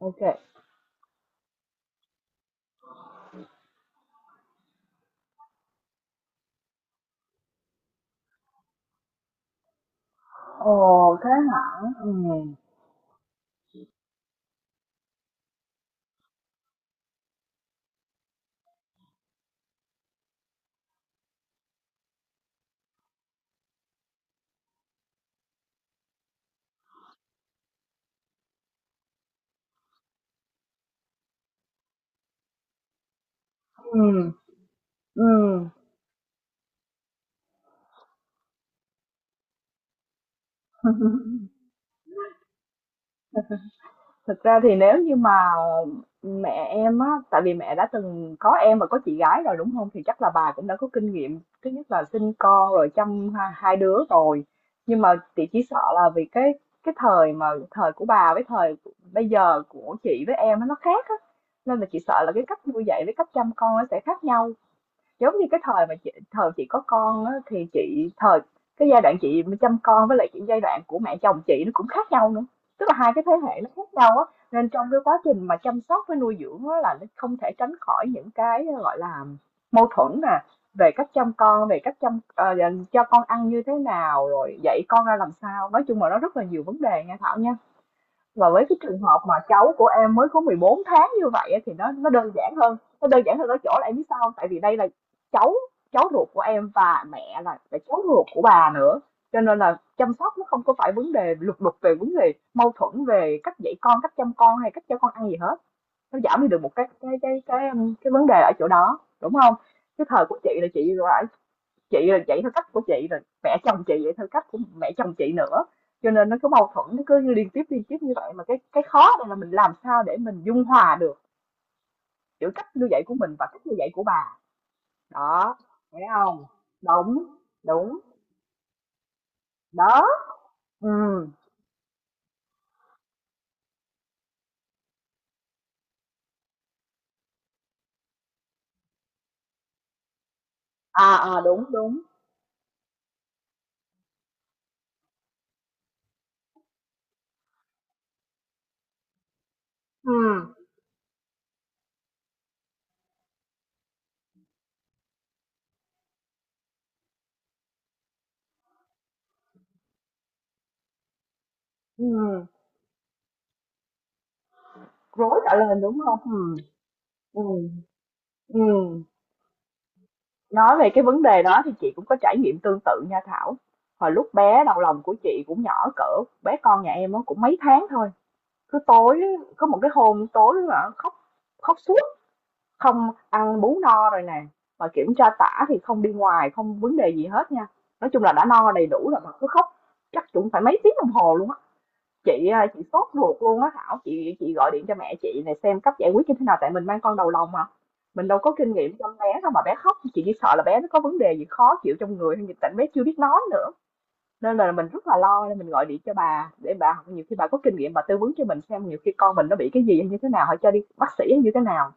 OK. kê. Ồ, thế hả? ừ, ừm, ừm. Thực ra thì nếu như mà mẹ em á, tại vì mẹ đã từng có em và có chị gái rồi, đúng không? Thì chắc là bà cũng đã có kinh nghiệm, thứ nhất là sinh con rồi chăm hai hai đứa rồi. Nhưng mà chị chỉ sợ là vì cái thời của bà với thời bây giờ của chị với em á, nó khác á, nên là chị sợ là cái cách nuôi dạy với cách chăm con nó sẽ khác nhau. Giống như cái thời chị có con á, thì chị thời cái giai đoạn chị mà chăm con với lại cái giai đoạn của mẹ chồng chị nó cũng khác nhau nữa. Tức là hai cái thế hệ nó khác nhau á, nên trong cái quá trình mà chăm sóc với nuôi dưỡng á, là nó không thể tránh khỏi những cái gọi là mâu thuẫn nè, về cách chăm con, về cách chăm cho con ăn như thế nào, rồi dạy con ra làm sao. Nói chung là nó rất là nhiều vấn đề nha Thảo nha. Và với cái trường hợp mà cháu của em mới có 14 tháng như vậy á, thì nó đơn giản hơn, nó đơn giản hơn ở chỗ là em biết sao không? Tại vì đây là cháu cháu ruột của em và mẹ là cháu ruột của bà nữa, cho nên là chăm sóc nó không có phải vấn đề lục đục về vấn đề mâu thuẫn về cách dạy con, cách chăm con hay cách cho con ăn gì hết. Nó giảm đi được một cái vấn đề ở chỗ đó, đúng không? Cái thời của chị là chị là vậy theo cách của chị rồi mẹ chồng chị vậy theo cách của mẹ chồng chị nữa, cho nên nó cứ mâu thuẫn nó cứ liên tiếp như vậy, mà cái khó đây là mình làm sao để mình dung hòa được giữa cách nuôi dạy của mình và cách nuôi dạy của bà. Đó, thấy không? Đúng đúng đó. ừ Đúng đúng. ừ ừ Rối cả lên đúng không? Ừ ừ ừ nói về cái vấn đề đó thì chị cũng có trải nghiệm tương tự nha Thảo. Hồi lúc bé đầu lòng của chị cũng nhỏ cỡ bé con nhà em, nó cũng mấy tháng thôi. Cứ tối, có một cái hôm tối mà khóc, khóc suốt, không ăn bú no rồi nè, mà kiểm tra tả thì không đi ngoài, không vấn đề gì hết nha. Nói chung là đã no đầy đủ rồi mà cứ khóc, chắc cũng phải mấy tiếng đồng hồ luôn á. Chị à, chị sốt ruột luôn á Thảo, chị gọi điện cho mẹ chị này xem cách giải quyết như thế nào tại mình mang con đầu lòng mà. Mình đâu có kinh nghiệm chăm bé đâu mà bé khóc, chị chỉ sợ là bé nó có vấn đề gì khó chịu trong người hay gì tại bé chưa biết nói nữa, nên là mình rất là lo, nên mình gọi điện cho bà để bà, nhiều khi bà có kinh nghiệm bà tư vấn cho mình xem nhiều khi con mình nó bị cái gì hay như thế nào, hay cho đi bác sĩ hay như thế nào.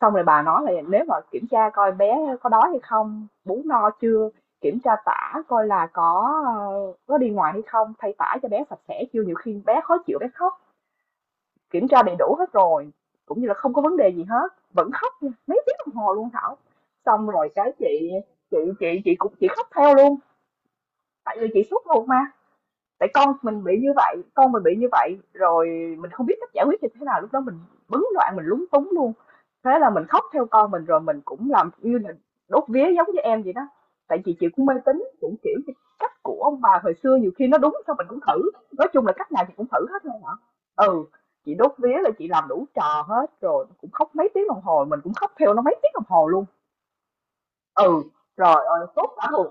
Xong rồi bà nói là nếu mà kiểm tra coi bé có đói hay không, bú no chưa, kiểm tra tả coi là có có đi ngoài hay không, thay tả cho bé sạch sẽ chưa, nhiều khi bé khó chịu bé khóc. Kiểm tra đầy đủ hết rồi cũng như là không có vấn đề gì hết, vẫn khóc nha, mấy tiếng đồng hồ luôn Thảo. Xong rồi cái chị cũng chị khóc theo luôn, tại vì chị suốt ruột mà. Tại con mình bị như vậy, con mình bị như vậy rồi mình không biết cách giải quyết như thế nào, lúc đó mình bấn loạn mình lúng túng luôn. Thế là mình khóc theo con mình, rồi mình cũng làm như là đốt vía giống như em vậy đó, tại vì chị cũng mê tín cũng kiểu như cách của ông bà hồi xưa nhiều khi nó đúng sao mình cũng thử. Nói chung là cách nào chị cũng thử hết luôn hả. Ừ, chị đốt vía là chị làm đủ trò hết, rồi cũng khóc mấy tiếng đồng hồ, mình cũng khóc theo nó mấy tiếng đồng hồ luôn. Ừ, rồi ơi tốt cả ruột.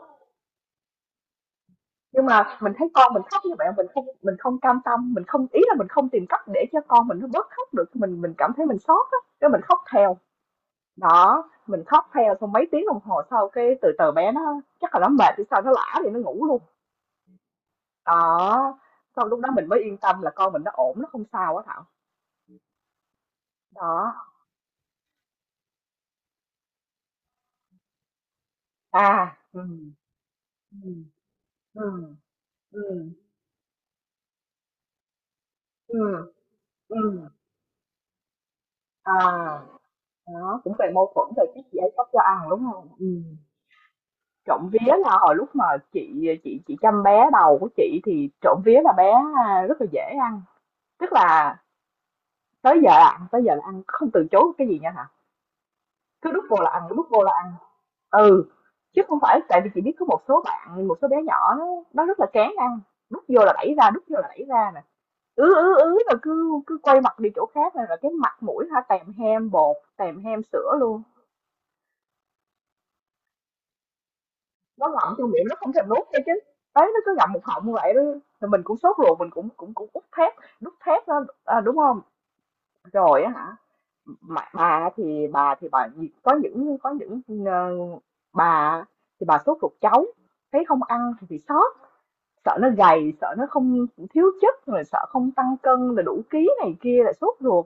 Nhưng mà mình thấy con mình khóc như vậy, mình không cam tâm, mình không, ý là mình không tìm cách để cho con mình nó bớt khóc được, mình cảm thấy mình xót á, cái mình khóc theo. Đó, mình khóc theo xong mấy tiếng đồng hồ sau cái từ từ bé nó chắc là nó mệt thì sao, nó lả thì nó ngủ luôn. Đó, sau lúc đó mình mới yên tâm là con mình nó ổn, nó không sao á Thảo. Đó. À, ừ, ừ, ừ, ừ, ừ, ừ. À, Đó cũng về mâu thuẫn về cái gì ấy, cấp cho ăn đúng không? Ừ. Trộm vía là hồi lúc mà chị chị chăm bé đầu của chị thì trộm vía là bé rất là dễ ăn, tức là tới giờ là ăn, tới giờ là ăn, không từ chối cái gì nha hả, cứ đút vô là ăn, đút vô là ăn. Ừ, chứ không phải, tại vì chị biết có một số bạn, một số bé nhỏ nó rất là kén ăn, đút vô là đẩy ra, đút vô là đẩy ra nè, ứ ứ ứ là cứ cứ quay mặt đi chỗ khác này, là cái mặt mũi ha, tèm hem bột tèm hem sữa luôn. Nó ngậm trong miệng nó không thèm nuốt nha, chứ đấy nó cứ ngậm một họng như vậy đó. Rồi mình cũng sốt ruột, mình cũng cũng cũng út thép, đút thép đó à, đúng không, rồi á hả. Mà, bà có những ờ, bà thì bà sốt ruột cháu thấy không ăn thì bị sốt, sợ nó gầy, sợ nó không, thiếu chất rồi, sợ không tăng cân là đủ ký này kia, là sốt ruột.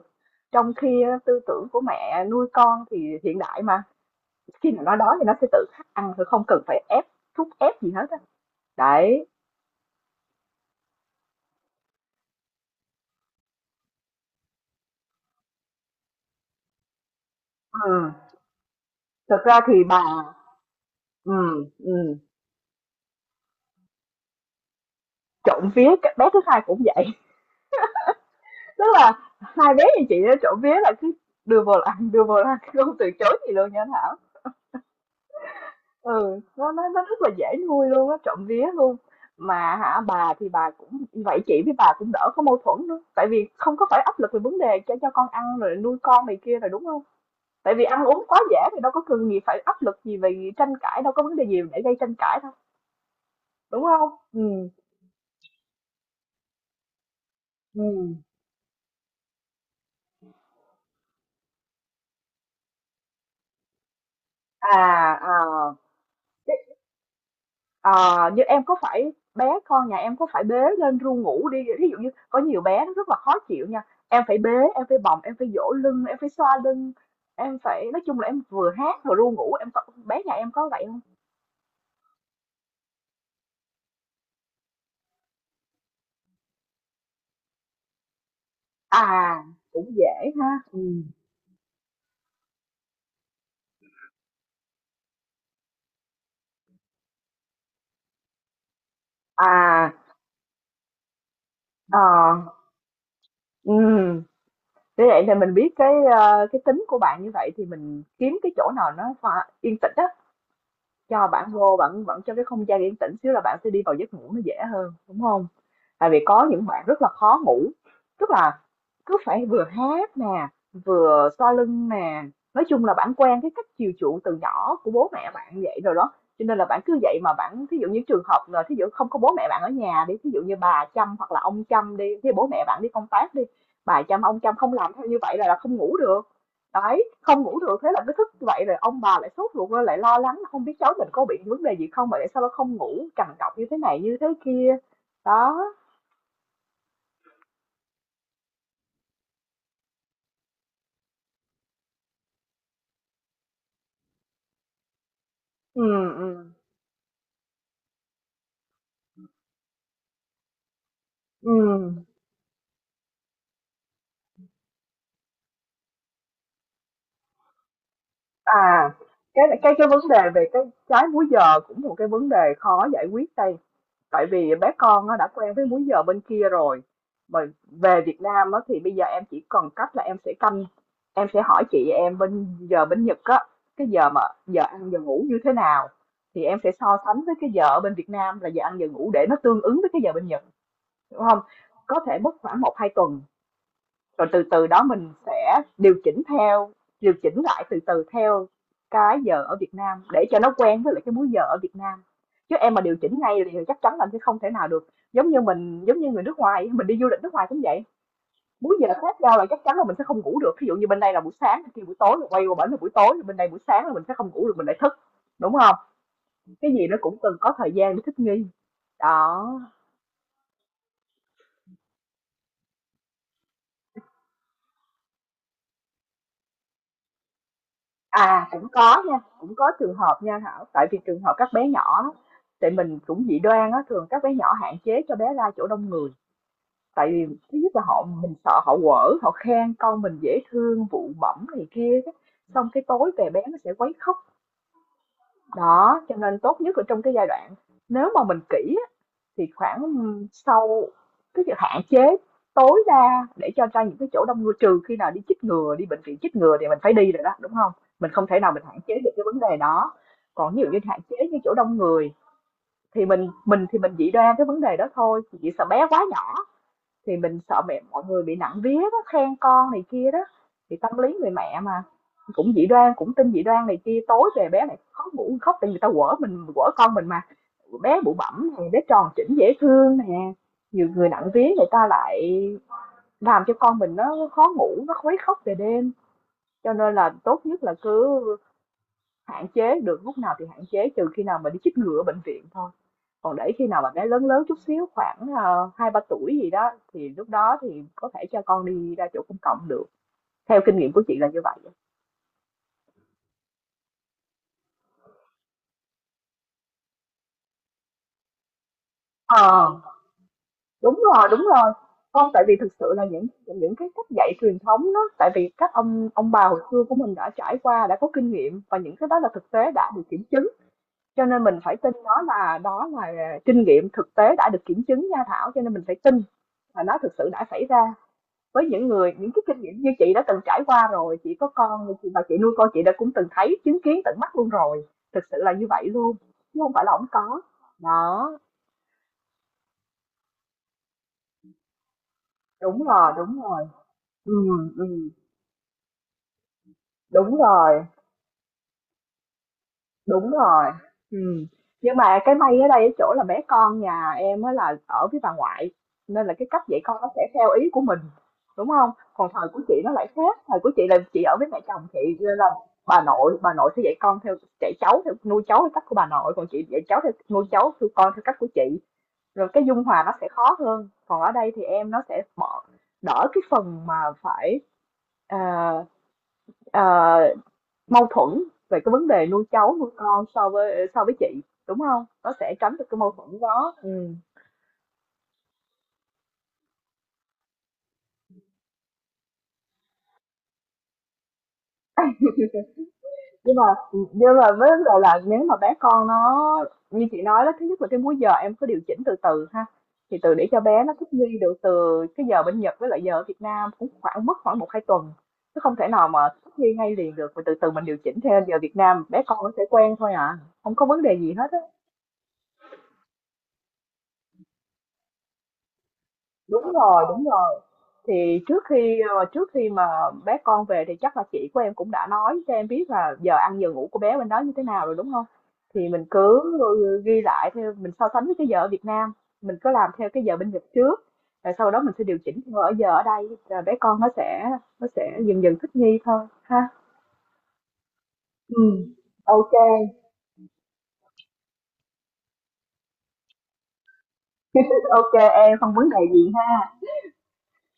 Trong khi á, tư tưởng của mẹ nuôi con thì hiện đại mà, khi mà nó đói thì nó sẽ tự khắc ăn thôi, không cần phải ép, thúc ép gì hết á. Đấy, Ừm. thực ra thì bà, ừm, ừm, trộm vía cái bé thứ hai cũng vậy, tức là hai bé như chị đó, trộm vía là cứ đưa vào ăn, không từ chối gì luôn nha Thảo. Ừ, nó rất là dễ nuôi luôn á, trộm vía luôn. Mà hả, bà thì bà cũng vậy, chị với bà cũng đỡ có mâu thuẫn nữa, tại vì không có phải áp lực về vấn đề cho con ăn rồi nuôi con này kia rồi đúng không? Tại vì ăn uống quá dễ thì đâu có cần gì phải áp lực gì về tranh cãi, đâu có vấn đề gì để gây tranh cãi đâu, đúng không? Ừm. À, ờ, thế, ờ, Như em, có phải bé con nhà em có phải bế lên ru ngủ đi, ví dụ như có nhiều bé nó rất là khó chịu nha, em phải bế, em phải bồng, em phải dỗ lưng, em phải xoa lưng, em phải, nói chung là em vừa hát vừa ru ngủ, em có, bé nhà em có vậy không? À cũng dễ ha. Ừ. À. Ờ. Ừ. Thế vậy thì mình biết cái cái tính của bạn như vậy thì mình kiếm cái chỗ nào nó yên tĩnh á, cho bạn vô bạn vẫn cho cái không gian yên tĩnh xíu là bạn sẽ đi vào giấc ngủ nó dễ hơn đúng không? Tại vì có những bạn rất là khó ngủ, tức là cứ phải vừa hát nè, vừa xoa lưng nè, nói chung là bạn quen cái cách chiều chuộng từ nhỏ của bố mẹ bạn vậy rồi đó, cho nên là bạn cứ vậy mà bạn. Thí dụ như trường hợp là thí dụ không có bố mẹ bạn ở nhà đi, thí dụ như bà chăm hoặc là ông chăm đi, thí dụ bố mẹ bạn đi công tác đi, bà chăm ông chăm không làm theo như vậy là không ngủ được. Đấy, không ngủ được, thế là cứ thức vậy rồi ông bà lại sốt ruột lên, lại lo lắng không biết cháu mình có bị vấn đề gì không mà tại sao nó không ngủ, trằn trọc như thế này như thế kia. Đó. Ừm, ừm, ừm. À, cái vấn đề về cái trái múi giờ cũng một cái vấn đề khó giải quyết đây. Tại vì bé con nó đã quen với múi giờ bên kia rồi mà về Việt Nam á, thì bây giờ em chỉ còn cách là em sẽ canh, em sẽ hỏi chị em bên giờ bên Nhật á, cái giờ mà giờ ăn giờ ngủ như thế nào, thì em sẽ so sánh với cái giờ ở bên Việt Nam là giờ ăn giờ ngủ để nó tương ứng với cái giờ bên Nhật, đúng không? Có thể mất khoảng 1-2 tuần, rồi từ từ đó mình sẽ điều chỉnh theo, điều chỉnh lại từ từ theo cái giờ ở Việt Nam để cho nó quen với lại cái múi giờ ở Việt Nam, chứ em mà điều chỉnh ngay thì chắc chắn là sẽ không thể nào được. Giống như mình, giống như người nước ngoài mình đi du lịch nước ngoài cũng vậy, múi giờ khác nhau là chắc chắn là mình sẽ không ngủ được, ví dụ như bên đây là buổi sáng bên kia buổi tối, rồi quay qua bển là buổi tối bên đây buổi sáng là mình sẽ không ngủ được, mình lại thức, đúng không? Cái gì nó cũng cần có thời gian để thích nghi. Đó. À, cũng có nha, cũng có trường hợp nha Thảo, tại vì trường hợp các bé nhỏ á, tại mình cũng dị đoan á, thường các bé nhỏ hạn chế cho bé ra chỗ đông người. Tại vì thứ nhất là họ, mình sợ họ quở, họ khen con mình dễ thương, vụ bẩm này kia đó. Xong cái tối về bé nó sẽ quấy khóc. Đó, cho nên tốt nhất là trong cái giai đoạn nếu mà mình kỹ thì khoảng, sau, tức là hạn chế tối đa để cho ra những cái chỗ đông người, trừ khi nào đi chích ngừa, đi bệnh viện chích ngừa thì mình phải đi rồi đó, đúng không? Mình không thể nào mình hạn chế được cái vấn đề đó. Còn ví dụ như hạn chế những chỗ đông người thì mình thì mình chỉ đoan cái vấn đề đó thôi, chỉ sợ bé quá nhỏ. Thì mình sợ mẹ mọi người bị nặng vía đó, khen con này kia đó, thì tâm lý người mẹ mà, cũng dị đoan, cũng tin dị đoan này kia, tối về bé này khó ngủ khóc thì người ta quở, mình quở con mình mà. Bé bụ bẫm nè, bé tròn chỉnh dễ thương nè, nhiều người nặng vía người ta lại làm cho con mình nó khó ngủ, nó khuấy khóc về đêm. Cho nên là tốt nhất là cứ hạn chế, được lúc nào thì hạn chế trừ khi nào mà đi chích ngừa ở bệnh viện thôi. Còn để khi nào mà bé lớn lớn chút xíu, khoảng, ờ, 2-3 tuổi gì đó, thì lúc đó thì có thể cho con đi ra chỗ công cộng được. Theo kinh nghiệm của chị là như vậy á. Ờ, à, đúng rồi, đúng rồi. Không, tại vì thực sự là những cái cách dạy truyền thống đó, tại vì các ông bà hồi xưa của mình đã trải qua, đã có kinh nghiệm và những cái đó là thực tế đã được kiểm chứng. Cho nên mình phải tin nó, là đó là kinh nghiệm thực tế đã được kiểm chứng nha Thảo, cho nên mình phải tin là nó thực sự đã xảy ra. Với những người những cái kinh nghiệm như chị đã từng trải qua rồi, chị có con rồi, chị và chị nuôi con, chị đã cũng từng thấy, chứng kiến tận mắt luôn rồi, thực sự là như vậy luôn, chứ không phải là không có. Đó. Đúng rồi, đúng rồi, ừ, ừ, đúng rồi. Đúng rồi. Ừm. Nhưng mà cái may ở đây ở chỗ là bé con nhà em á là ở với bà ngoại, nên là cái cách dạy con nó sẽ theo ý của mình, đúng không? Còn thời của chị nó lại khác, thời của chị là chị ở với mẹ chồng chị, nên là bà nội sẽ dạy con theo, dạy cháu theo, nuôi cháu theo cách của bà nội, còn chị dạy cháu theo, nuôi cháu theo con theo cách của chị, rồi cái dung hòa nó sẽ khó hơn. Còn ở đây thì em nó sẽ bỏ đỡ cái phần mà phải, ờ, ờ mâu thuẫn về cái vấn đề nuôi cháu, nuôi con, so với chị, đúng không? Nó sẽ tránh được cái mâu thuẫn đó. Nhưng mà nhưng mà với vấn đề là nếu mà bé con nó như chị nói đó, thứ nhất là cái múi giờ em cứ điều chỉnh từ từ ha, thì từ để cho bé nó thích nghi được từ cái giờ bên Nhật với lại giờ ở Việt Nam cũng khoảng mất khoảng 1-2 tuần, chứ không thể nào mà thích nghi ngay liền được, mà từ từ mình điều chỉnh theo giờ Việt Nam, bé con nó sẽ quen thôi à, không có vấn đề gì hết á. Đúng rồi, đúng rồi. Thì trước khi, ờ, trước khi mà bé con về thì chắc là chị của em cũng đã nói cho em biết là giờ ăn giờ ngủ của bé bên đó như thế nào rồi, đúng không? Thì mình cứ ghi lại theo, mình so sánh với cái giờ ở Việt Nam, mình cứ làm theo cái giờ bên Nhật trước. Rồi sau đó mình sẽ điều chỉnh theo ở giờ ở đây, rồi bé con nó sẽ dần dần thích nghi thôi ha. Ừ. Ok, ok em không vấn đề gì.